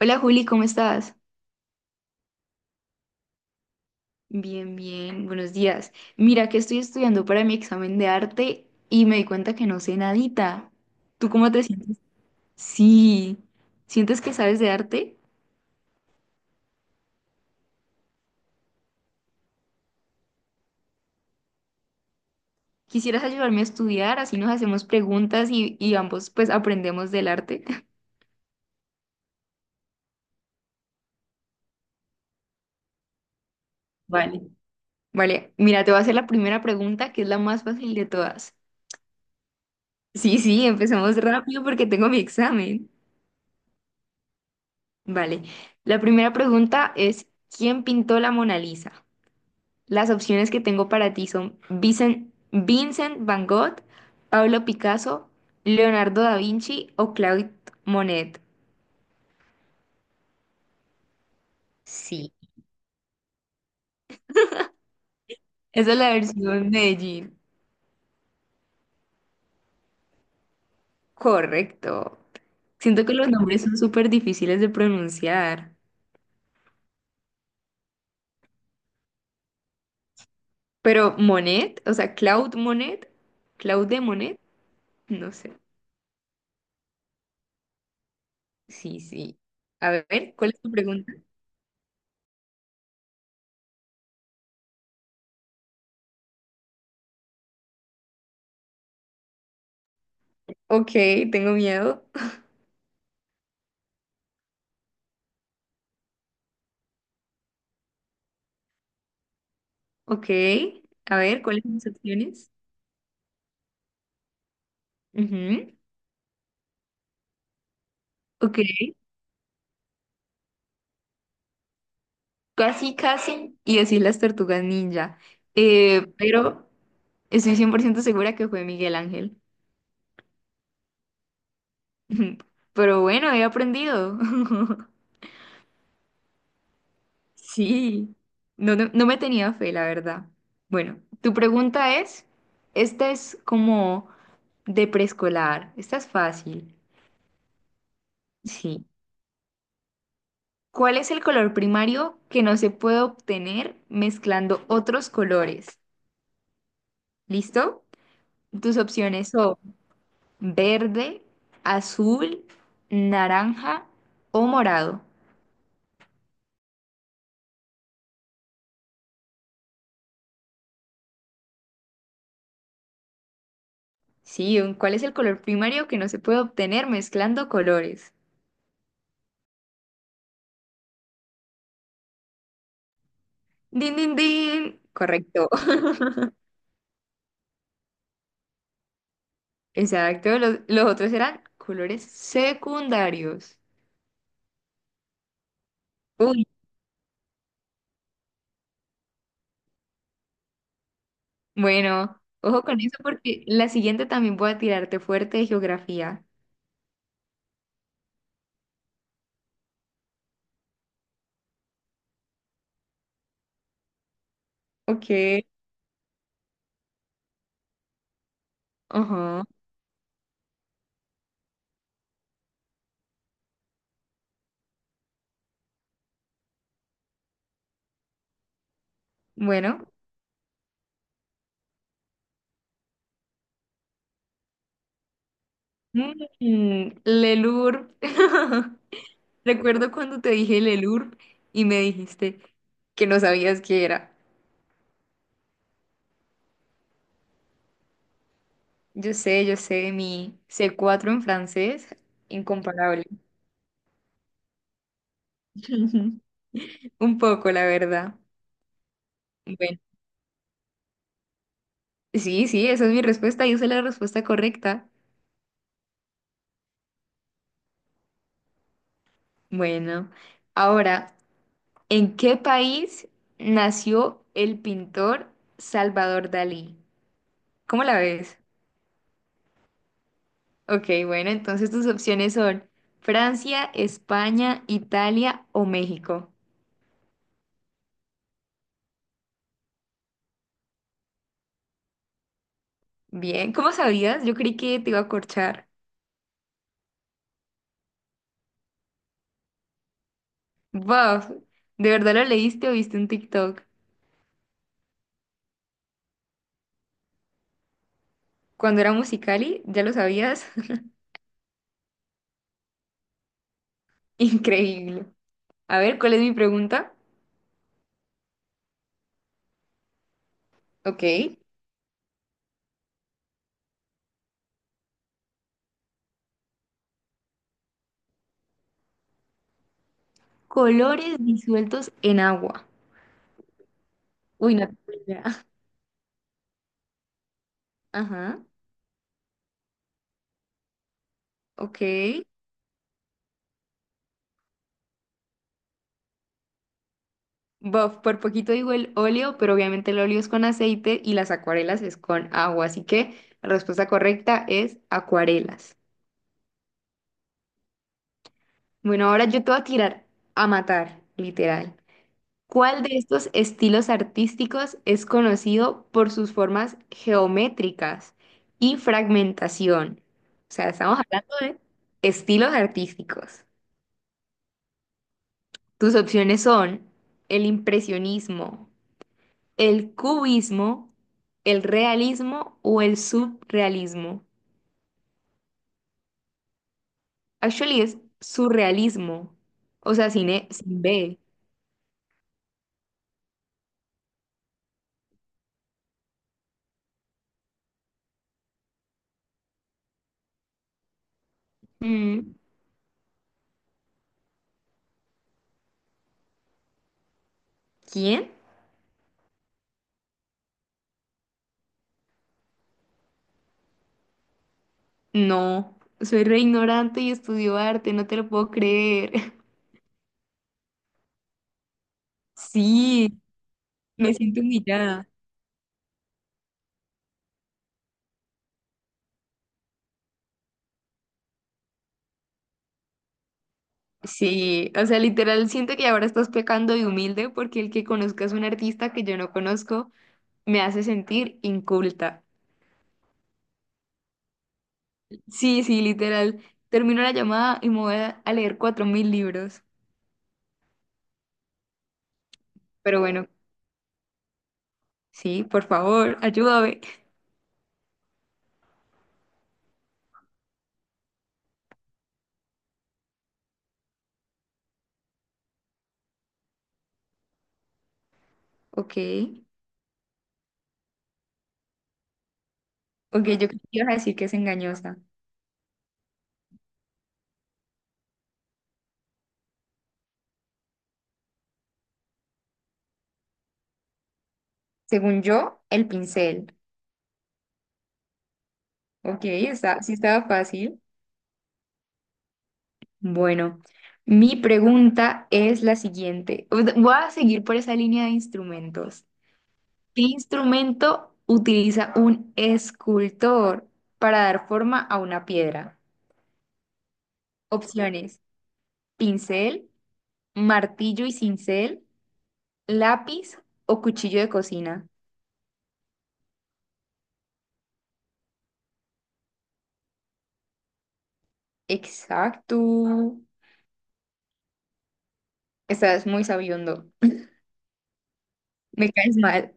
Hola Juli, ¿cómo estás? Bien, bien, buenos días. Mira que estoy estudiando para mi examen de arte y me di cuenta que no sé nadita. ¿Tú cómo te sientes? Sí, ¿sientes que sabes de arte? ¿Quisieras ayudarme a estudiar? Así nos hacemos preguntas y ambos pues aprendemos del arte. Vale. Vale, mira, te voy a hacer la primera pregunta que es la más fácil de todas. Sí, sí, empecemos rápido porque tengo mi examen. Vale, la primera pregunta es, ¿quién pintó la Mona Lisa? Las opciones que tengo para ti son Vincent, Van Gogh, Pablo Picasso, Leonardo da Vinci o Claude Monet. Sí. Esa es la versión Medellín. Correcto. Siento que los nombres son súper difíciles de pronunciar. Pero Monet, o sea, Claude Monet, Claude Monet, no sé. Sí, sí. A ver, ¿cuál es tu pregunta? Ok, tengo miedo. Ok, a ver, ¿cuáles son las opciones? Ujú. Ok. Casi, casi, y decir las tortugas ninja. Pero estoy 100% segura que fue Miguel Ángel. Pero bueno, he aprendido. Sí, no, no, no me tenía fe, la verdad. Bueno, tu pregunta es, esta es como de preescolar, esta es fácil. Sí. ¿Cuál es el color primario que no se puede obtener mezclando otros colores? ¿Listo? Tus opciones son verde, azul, naranja o morado. ¿Cuál es el color primario que no se puede obtener mezclando colores? Din, din, din. Correcto. Exacto. Los otros eran colores secundarios. Uy, bueno, ojo con eso porque la siguiente también voy a tirarte fuerte de geografía. Ok. Ajá. Bueno. Lelur. Recuerdo cuando te dije el ELURP y me dijiste que no sabías qué era. Yo sé, mi C4 en francés, incomparable. Un poco, la verdad. Bueno, sí, sí, esa es mi respuesta. Y esa es la respuesta correcta. Bueno, ahora, ¿en qué país nació el pintor Salvador Dalí? ¿Cómo la ves? Ok, bueno, entonces tus opciones son Francia, España, Italia o México. Bien, ¿cómo sabías? Yo creí que te iba a corchar. Wow, ¿de verdad lo leíste o viste un TikTok? Cuando era Musicali, ¿ya lo sabías? Increíble. A ver, ¿cuál es mi pregunta? Ok. Colores disueltos en agua. Uy, no tengo idea. Ajá, ok. Buff, por poquito digo el óleo, pero obviamente el óleo es con aceite y las acuarelas es con agua, así que la respuesta correcta es acuarelas. Bueno, ahora yo te voy a tirar a matar, literal. ¿Cuál de estos estilos artísticos es conocido por sus formas geométricas y fragmentación? O sea, estamos hablando de estilos artísticos. Tus opciones son el impresionismo, el cubismo, el realismo o el subrealismo. Actually es surrealismo, o sea, sin, E- sin B. Mm, ¿Quién? No, soy re ignorante y estudio arte, no te lo puedo creer. Sí, me siento humillada. Sí, o sea, literal siento que ahora estás pecando de humilde porque el que conozcas a un artista que yo no conozco me hace sentir inculta. Sí, sí, literal. Termino la llamada y me voy a leer 4.000 libros. Pero bueno, sí, por favor, ayúdame. Ok, ok, yo creo que ibas a decir que es engañosa. Según yo, el pincel. Ok, está, sí estaba fácil. Bueno, mi pregunta es la siguiente. Voy a seguir por esa línea de instrumentos. ¿Qué instrumento utiliza un escultor para dar forma a una piedra? Opciones: pincel, martillo y cincel, lápiz o cuchillo de cocina. Exacto. Estás muy sabiendo. Me caes mal.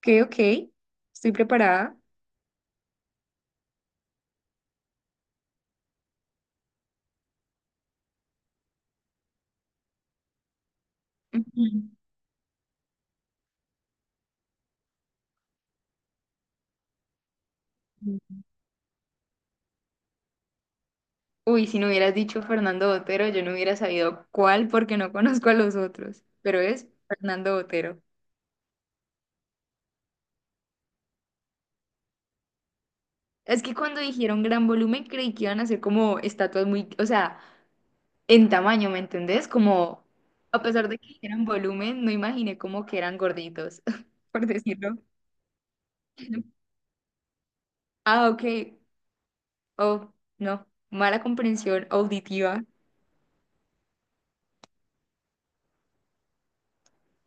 Ok, ok. Estoy preparada. Ujú. Uy, si no hubieras dicho Fernando Botero, yo no hubiera sabido cuál porque no conozco a los otros, pero es Fernando Botero. Es que cuando dijeron gran volumen creí que iban a ser como estatuas muy, o sea, en tamaño, ¿me entendés? Como, a pesar de que dijeron volumen, no imaginé como que eran gorditos, por decirlo. Ah, ok. Oh, no. Mala comprensión auditiva.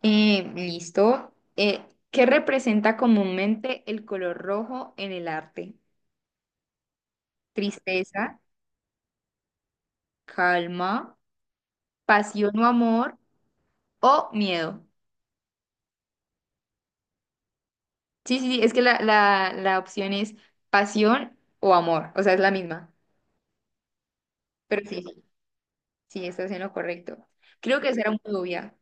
Listo. ¿Qué representa comúnmente el color rojo en el arte? Tristeza, calma, pasión o amor o miedo. Sí, sí, sí, es que la opción es pasión o amor, o sea, es la misma. Pero sí, sí, estás en lo correcto. Creo que esa era muy obvia.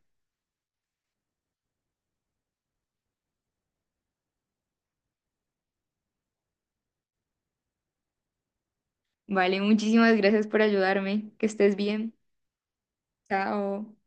Vale, muchísimas gracias por ayudarme. Que estés bien. Chao.